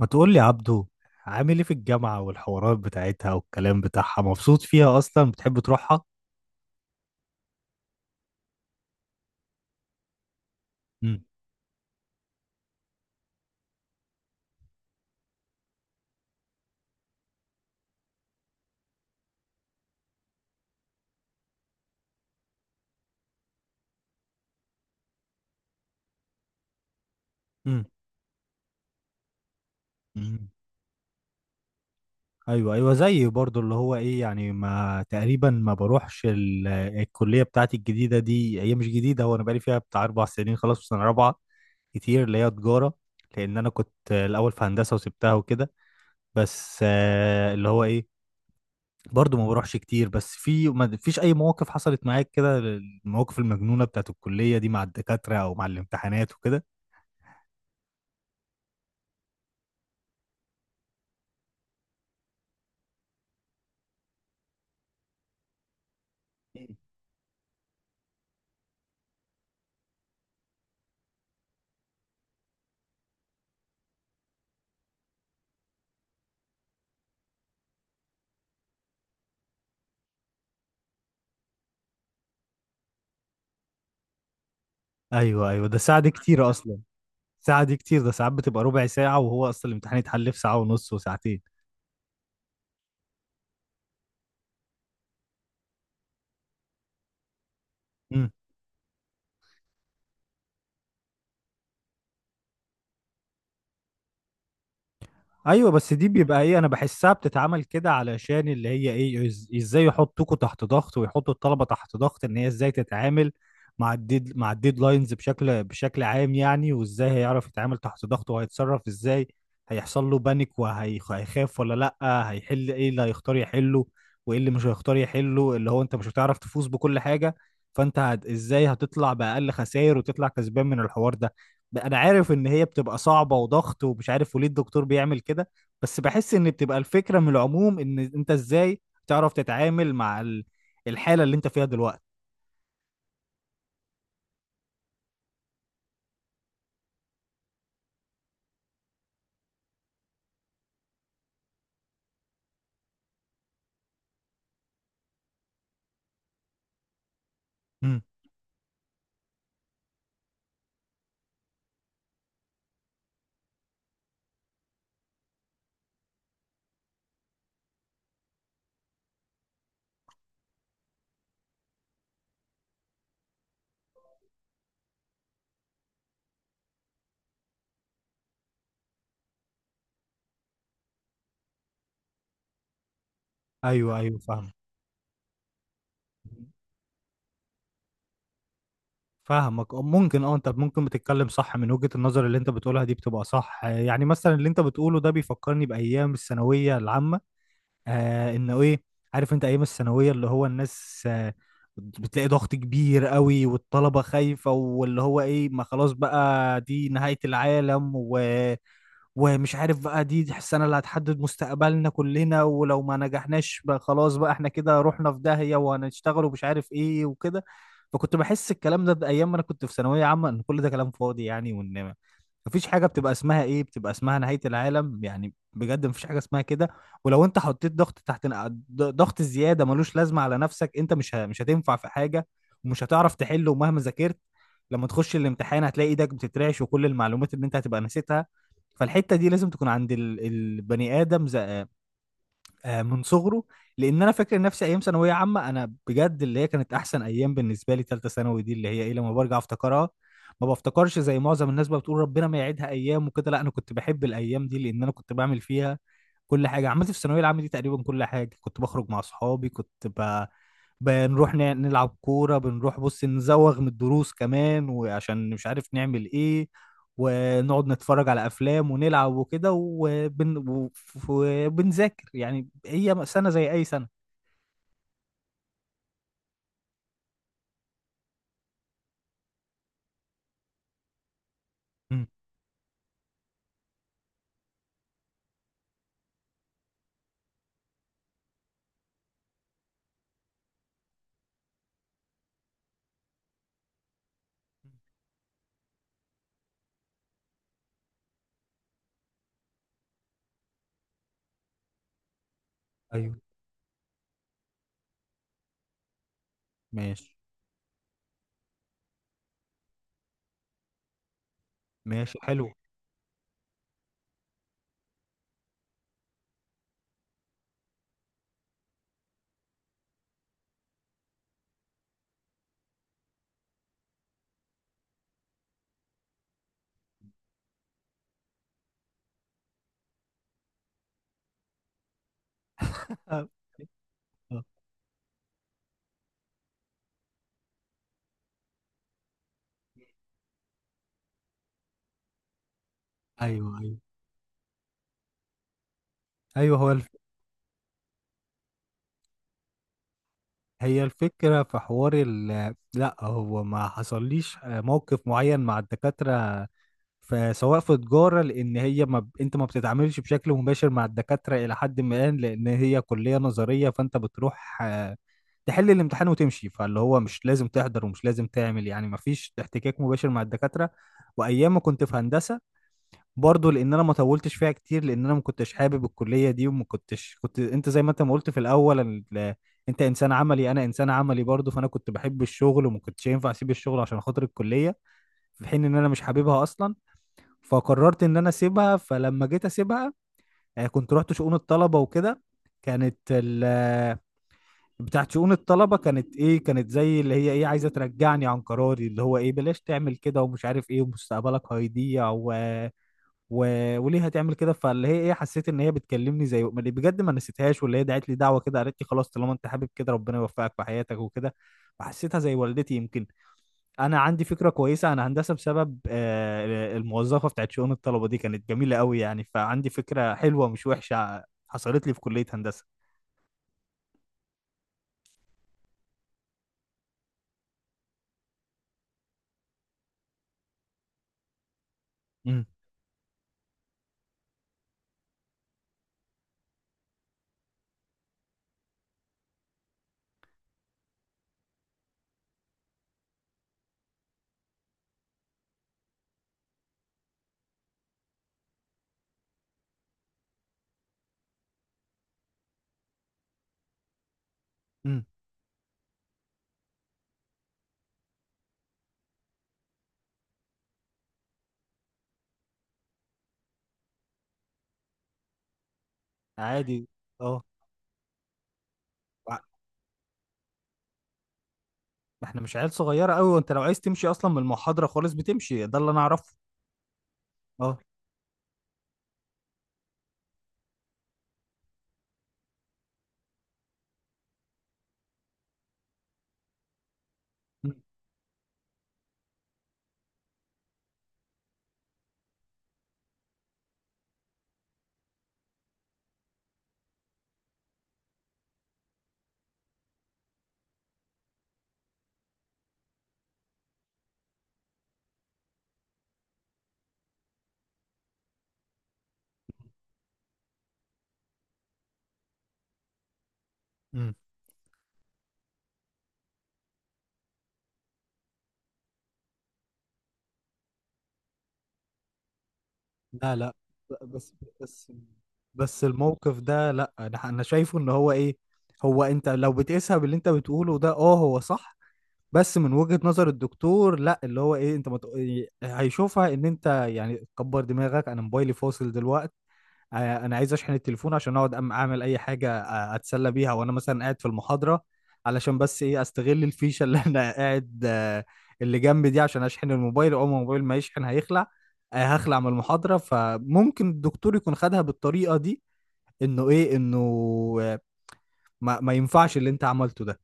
ما تقول لي عبدو، عامل ايه في الجامعة والحوارات بتاعتها والكلام بتاعها؟ مبسوط فيها اصلا؟ بتحب تروحها؟ امم. امم. امم. ايوه، ايوه، زيي برضو اللي هو ايه يعني ما تقريبا ما بروحش الكلية بتاعتي الجديدة. دي هي مش جديدة، هو انا بقالي فيها بتاع 4 سنين، خلاص في سنة رابعة كتير اللي هي تجارة. لان انا كنت الاول في هندسة وسبتها وكده. بس آه، اللي هو ايه برضو ما بروحش كتير. بس في ما فيش اي مواقف حصلت معاك كده، المواقف المجنونة بتاعت الكلية دي مع الدكاترة او مع الامتحانات وكده؟ ايوه، ايوه، ده ساعة دي كتير اصلا. ساعة دي كتير، ده ساعات بتبقى ربع ساعة وهو اصلا الامتحان يتحل في ساعة ونص وساعتين. ايوه. بس دي بيبقى ايه، انا بحسها بتتعمل كده علشان اللي هي ايه ازاي يحطوكوا تحت ضغط ويحطوا الطلبه تحت ضغط ان هي ازاي تتعامل مع الديد مع الديدلاينز بشكل عام يعني، وازاي هيعرف يتعامل تحت ضغط، وهيتصرف ازاي، هيحصل له بانيك وهيخاف ولا لا، هيحل ايه، اللي هيختار يحله وايه اللي مش هيختار يحله، اللي هو انت مش هتعرف تفوز بكل حاجه. فانت ازاي هتطلع باقل خسائر وتطلع كسبان من الحوار ده. انا عارف ان هي بتبقى صعبة وضغط ومش عارف وليه الدكتور بيعمل كده، بس بحس ان بتبقى الفكرة من العموم ان انت ازاي تعرف تتعامل مع الحالة اللي انت فيها دلوقتي. امم. ايوه، ايوه، فاهم. فاهمك. أه، ممكن، انت ممكن بتتكلم صح من وجهة النظر اللي انت بتقولها دي بتبقى صح. يعني مثلا اللي انت بتقوله ده بيفكرني بأيام الثانوية العامة. آه، انه ايه، عارف انت ايام الثانويه اللي هو الناس آه، بتلاقي ضغط كبير قوي والطلبه خايفه واللي هو ايه، ما خلاص بقى دي نهايه العالم، ومش عارف بقى دي السنه اللي هتحدد مستقبلنا كلنا، ولو ما نجحناش بقى خلاص بقى احنا كده رحنا في داهيه وهنشتغل ومش عارف ايه وكده. فكنت بحس الكلام ده ايام ما انا كنت في ثانويه عامه ان كل ده كلام فاضي يعني، وان مفيش حاجة بتبقى اسمها ايه، بتبقى اسمها نهاية العالم. يعني بجد مفيش حاجة اسمها كده. ولو انت حطيت ضغط تحت ضغط زيادة ملوش لازمة على نفسك انت مش هتنفع في حاجة ومش هتعرف تحله، ومهما ذاكرت لما تخش الامتحان هتلاقي ايدك بتترعش وكل المعلومات اللي انت هتبقى نسيتها. فالحتة دي لازم تكون عند البني آدم آه، من صغره. لان انا فاكر نفسي ايام ثانويه عامه انا بجد اللي هي كانت احسن ايام بالنسبه لي، ثالثه ثانوي دي اللي هي ايه لما برجع افتكرها ما بفتكرش زي معظم الناس بقى بتقول ربنا ما يعيدها ايام وكده. لا انا كنت بحب الايام دي، لان انا كنت بعمل فيها كل حاجه. عملت في الثانويه العامه دي تقريبا كل حاجه. كنت بخرج مع اصحابي، كنت بنروح نلعب كوره، بنروح بص نزوغ من الدروس كمان، وعشان مش عارف نعمل ايه ونقعد نتفرج على افلام ونلعب وكده، وبنذاكر. يعني هي سنه زي اي سنه. مم. ايوه. ماشي. ماشي حلو. آه. آه. ايوه، ايوه. ايوه هو هي الفكره في حوار لا هو ما حصليش آه، موقف معين مع الدكاتره. فسواء في تجارة، لأن هي ما ب... أنت ما بتتعاملش بشكل مباشر مع الدكاترة إلى حد ما، لأن هي كلية نظرية. فأنت بتروح آه، تحل الامتحان وتمشي. فاللي هو مش لازم تحضر ومش لازم تعمل، يعني ما فيش احتكاك مباشر مع الدكاترة. وأيام ما كنت في هندسة برضه، لأن أنا ما طولتش فيها كتير، لأن أنا ما كنتش حابب الكلية دي وما كنتش. كنت أنت زي ما أنت ما قلت في الأول أنت إنسان عملي، أنا إنسان عملي برضه، فأنا كنت بحب الشغل وما كنتش ينفع أسيب الشغل عشان خاطر الكلية في حين إن أنا مش حاببها أصلا. فقررت ان انا اسيبها. فلما جيت اسيبها آه، كنت رحت شؤون الطلبه وكده. كانت ال بتاعت شؤون الطلبه كانت ايه، كانت زي اللي هي ايه عايزه ترجعني عن قراري اللي هو ايه، بلاش تعمل كده ومش عارف ايه ومستقبلك هيضيع و... وليه هتعمل كده. فاللي هي ايه حسيت ان هي بتكلمني زي بجد ما نسيتهاش، واللي هي دعت لي دعوه كده، قالت لي خلاص طالما انت حابب كده ربنا يوفقك في حياتك وكده. فحسيتها زي والدتي يمكن. انا عندي فكره كويسه عن هندسه بسبب آه، الموظفه بتاعت شؤون الطلبه دي كانت جميله قوي يعني، فعندي فكره حلوه مش وحشه حصلت لي في كليه هندسه. امم. امم. عادي. اه. ع- احنا مش عيال صغيره قوي، وانت لو عايز تمشي اصلا من المحاضره خالص بتمشي. ده اللي انا اعرفه. اه. مم. امم. لا، لا. بس بس بس الموقف ده لا، انا شايفه ان هو ايه، هو انت لو بتقيسها باللي انت بتقوله ده اه هو صح. بس من وجهة نظر الدكتور لا، اللي هو ايه انت هيشوفها ان انت يعني كبر دماغك. انا موبايلي فاصل دلوقتي آه، انا عايز اشحن التليفون عشان اقعد اعمل اي حاجة آه، اتسلى بيها وانا مثلا قاعد في المحاضرة، علشان بس ايه استغل الفيشة اللي انا قاعد آه، اللي جنبي دي عشان اشحن الموبايل. اول ما الموبايل ما يشحن هيخلع آه، هخلع من المحاضرة. فممكن الدكتور يكون خدها بالطريقة دي، انه آه، ما ينفعش اللي انت عملته ده.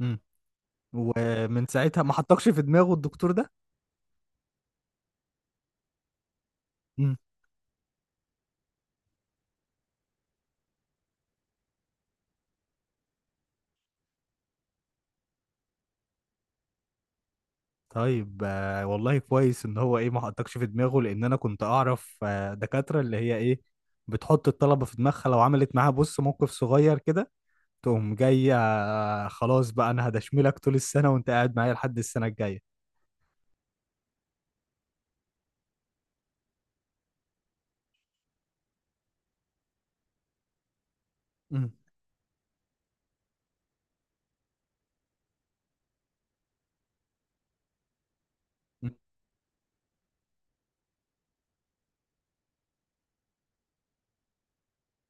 مم. ومن ساعتها ما حطكش في دماغه الدكتور ده؟ مم. طيب آه، والله كويس ان هو ايه ما حطكش في دماغه، لان انا كنت اعرف آه، دكاتره اللي هي ايه بتحط الطلبه في دماغها. لو عملت معاها بص موقف صغير كده تقوم جايه آه، خلاص بقى انا هدشملك طول السنه وانت قاعد معايا لحد السنه الجايه. مم. مم.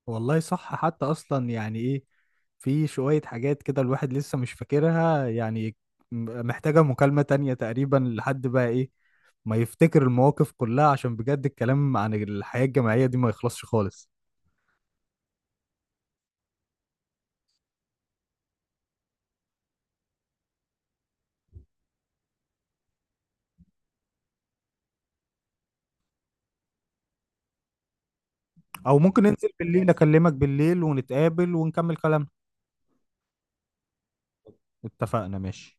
والله صح. حتى اصلا يعني ايه في شويه حاجات كده الواحد لسه مش فاكرها يعني، محتاجه مكالمه تانية تقريبا لحد بقى ايه ما يفتكر المواقف كلها، عشان بجد الكلام عن الحياه الجامعيه دي ما يخلصش خالص. او ممكن ننزل بالليل، اكلمك بالليل ونتقابل ونكمل كلامنا. اتفقنا ماشي.